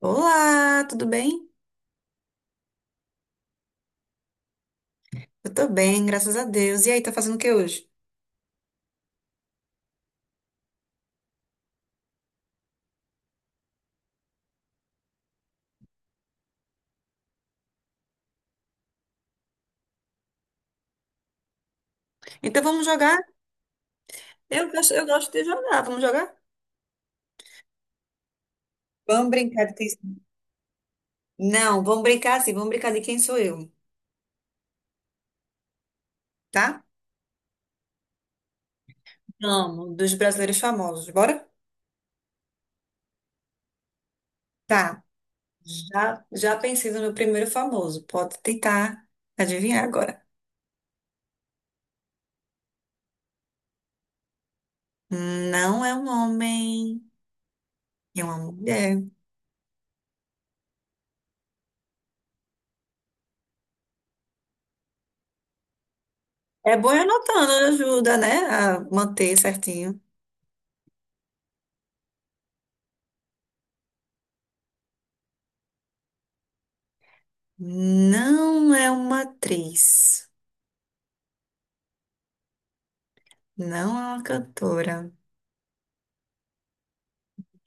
Olá, tudo bem? Eu tô bem, graças a Deus. E aí, tá fazendo o que hoje? Então vamos jogar? Eu gosto de jogar. Vamos jogar? Vamos brincar de quem... Não, vamos brincar assim, vamos brincar de quem sou eu, tá? Vamos, dos brasileiros famosos, bora? Tá, já pensei no meu primeiro famoso. Pode tentar adivinhar agora. Não é um homem, é uma mulher. É bom ir anotando, ajuda, né? A manter certinho. Não é uma atriz. Não é uma cantora.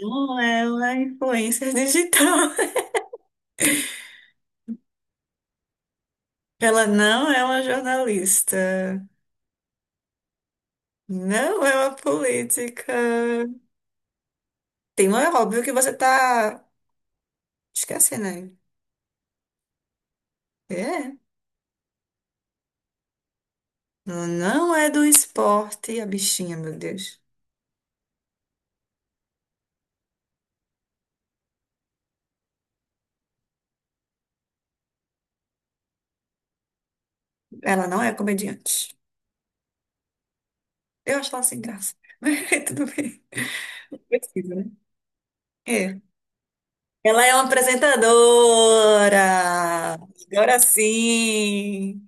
Não é uma influencer digital. Ela não é uma jornalista. Não é uma política. Tem um é óbvio que você tá esquecendo aí. É. Ela não é do esporte, a bichinha, meu Deus. Ela não é comediante. Eu acho ela sem graça. Mas tudo bem. Precisa, né? É. Ela é uma apresentadora. Agora sim.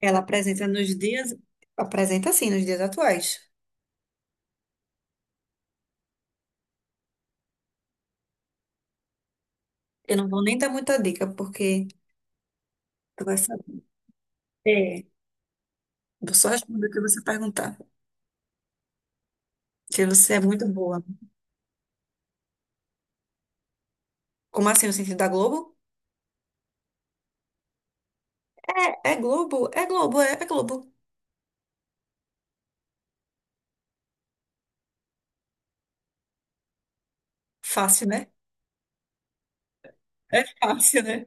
Ela apresenta nos dias, apresenta sim, nos dias atuais. Eu não vou nem dar muita dica, porque tu vai saber. É, vou só responder o que você perguntar, que você é muito boa. Como assim, no sentido da Globo? É, é Globo, é Globo, é Globo. Fácil, né? É fácil, né?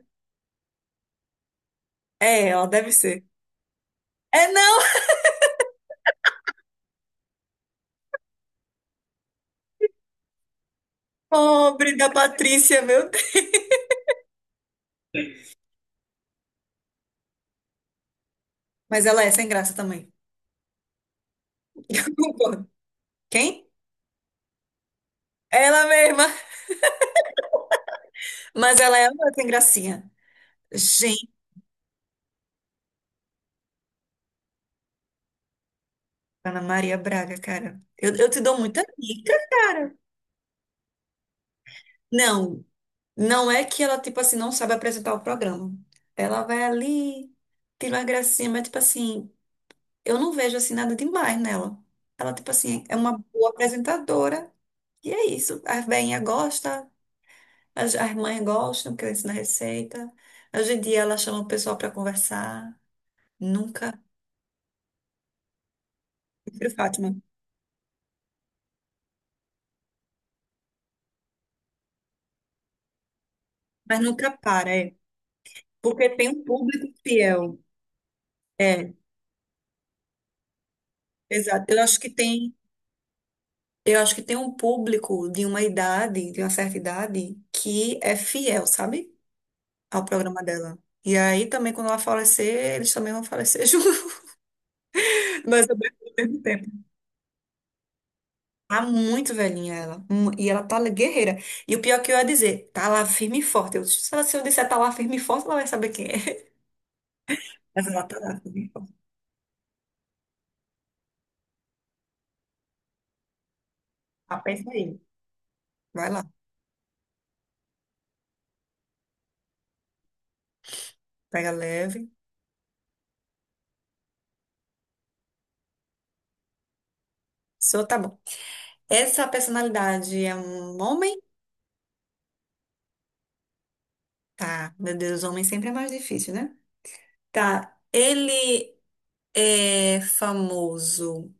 É, ela deve ser. É não, pobre da Patrícia, meu Deus. Mas ela é sem graça também. Eu concordo. Quem? Ela mesma. Mas ela é uma sem gracinha. Ana Maria Braga, cara. Eu te dou muita dica, cara. Não, não é que ela, tipo assim, não sabe apresentar o programa. Ela vai ali, tira uma gracinha, mas, tipo assim, eu não vejo, assim, nada demais nela. Ela, tipo assim, é uma boa apresentadora. E é isso. As veinhas gostam, as mães gostam, porque ela ensina receita. Hoje em dia ela chama o pessoal pra conversar. Nunca. Prefiro Fátima. Mas nunca para, é. Porque tem um público fiel. É, exato. Eu acho que tem. Eu acho que tem um público de uma idade, de uma certa idade, que é fiel, sabe? Ao programa dela. E aí também, quando ela falecer, eles também vão falecer junto. Mas também ao mesmo tempo. Tá muito velhinha ela. E ela tá guerreira. E o pior que eu ia dizer, tá lá firme e forte. Eu, se eu disser tá lá firme e forte, ela vai saber quem é. Mas ela tá lá firme e forte. Ah, pensa aí. Vai lá. Pega leve. Só tá bom. Essa personalidade é um homem? Tá. Meu Deus, homem sempre é mais difícil, né? Tá, ele é famoso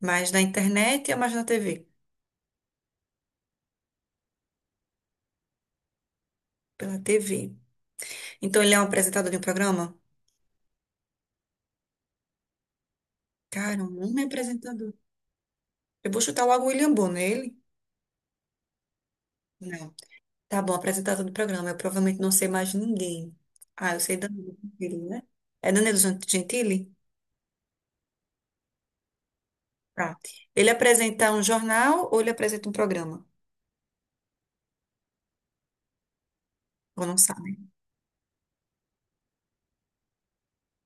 mais na internet ou mais na TV? Pela TV. Então ele é um apresentador de um programa? Cara, um homem apresentador. Eu vou chutar logo o William Bonner, ele? Não. Tá bom, apresentador do programa. Eu provavelmente não sei mais ninguém. Ah, eu sei Danilo Gentili, né? É Gentili? Tá. Ele apresenta um jornal ou ele apresenta um programa? Ou não sabe?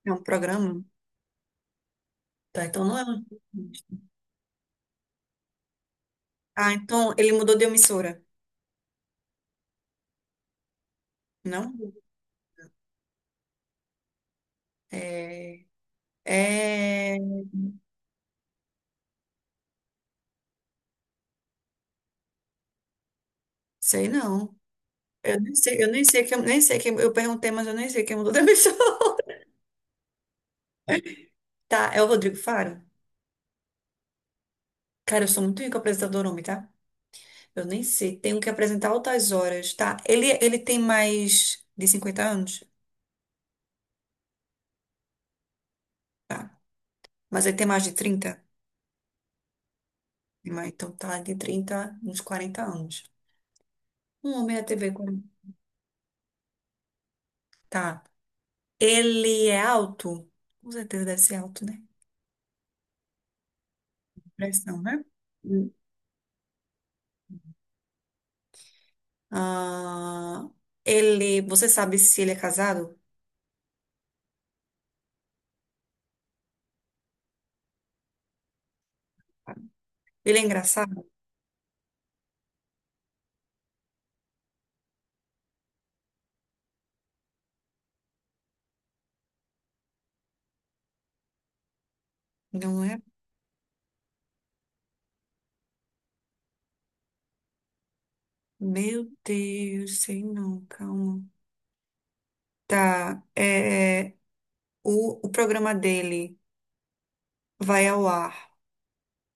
É um programa? Tá, então não é um. Ah, então ele mudou de emissora, não? É... É, sei não. Eu nem sei, nem sei quem, eu perguntei, mas eu nem sei quem mudou da emissora. Tá, é o Rodrigo Faro? Cara, eu sou muito rico apresentador homem, tá? Eu nem sei. Tenho que apresentar altas horas, tá? Ele tem mais de cinquenta anos? Tá. Mas ele tem mais de trinta, mas então tá, de 30 uns 40 anos. Um homem da TV com... Tá. Ele é alto? Com certeza deve ser alto, né? Impressão, né? Ah, você sabe se ele é casado? Ele é engraçado? Não é? Meu Deus, sei não, calma. Tá, o programa dele vai ao ar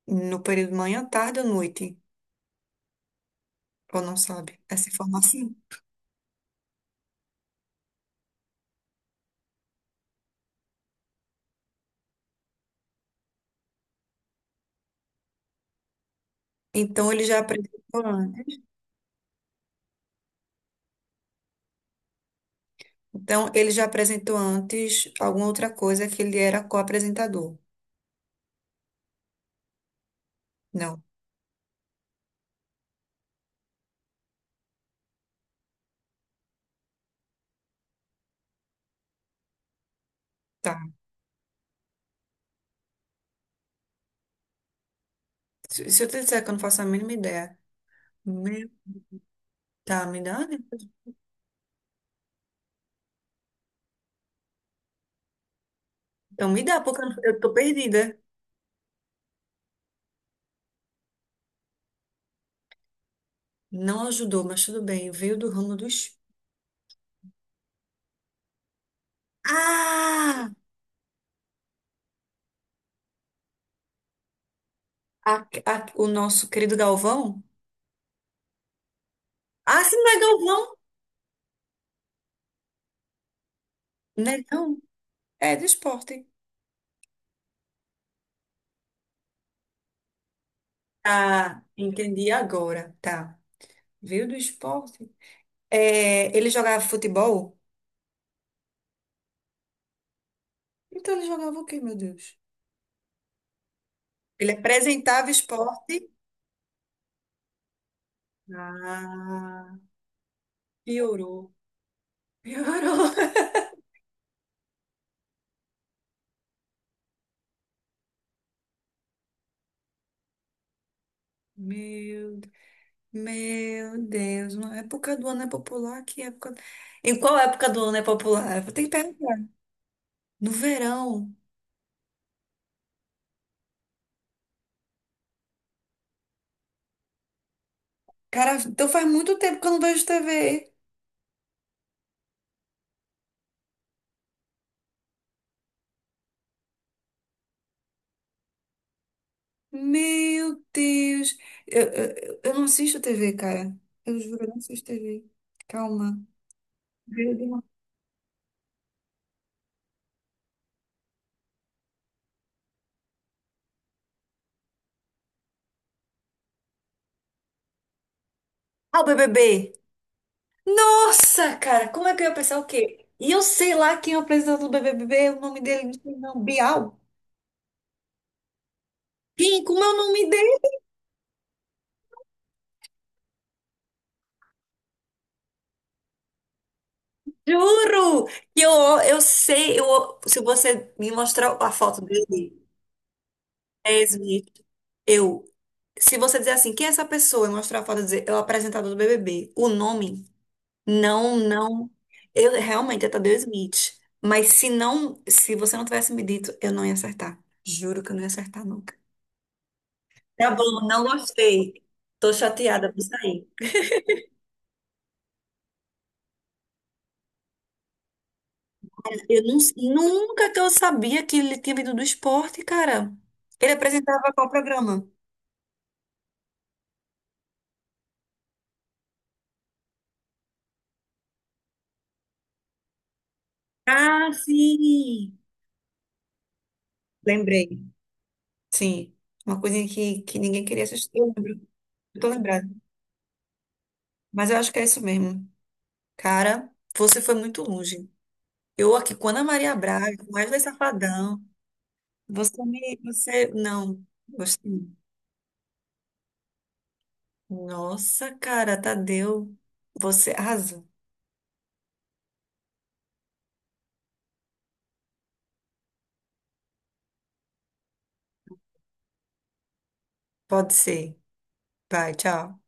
no período manhã, tarde ou noite? Ou não sabe essa informação? Então ele já apresentou antes. Então ele já apresentou antes alguma outra coisa que ele era co-apresentador. Não, tá. Se eu te disser que eu não faço a mínima ideia, meu, tá, me dá, né? Então me dá, porque eu tô perdida. Não ajudou, mas tudo bem. Veio do ramo dos. Ah! O nosso querido Galvão? Ah, sim, não é Galvão? Não é, não. É do esporte. Ah, entendi agora. Tá. Veio do esporte. É, ele jogava futebol? Então ele jogava o quê, meu Deus? Ele apresentava esporte. Ah, piorou. Piorou. Meu Meu Deus, uma época do ano é popular? Que época? Em qual época do ano é popular? Eu vou ter que perguntar. No verão. Cara, então faz muito tempo que eu não vejo TV. Meu Deus. Eu não assisto TV, cara. Eu juro, eu não assisto TV. Calma. Meu Deus. Ah, o BBB. Nossa, cara, como é que eu ia pensar o quê? E eu sei lá quem é o apresentador do BBB, o nome dele não sei não. Bial? Quem? Como é o nome? Juro que eu sei, se você me mostrar a foto dele, é Smith, eu, se você dizer assim, quem é essa pessoa e mostrar a foto e dizer, é o apresentador do BBB, o nome, não, eu realmente é Tadeu Smith, mas se você não tivesse me dito, eu não ia acertar, juro que eu não ia acertar nunca. Tá bom, não gostei, tô chateada por sair. Eu não, nunca que eu sabia que ele tinha vindo do esporte, cara. Ele apresentava qual programa? Ah, sim! Lembrei. Sim. Uma coisinha que ninguém queria assistir. Eu lembro, eu tô lembrada. Mas eu acho que é isso mesmo. Cara, você foi muito longe. Eu aqui com Ana Maria Braga, com Wesley Safadão. Você me. Você. Não. Gostei. Nossa, cara, Tadeu. Você arrasou. Pode ser. Vai, tchau.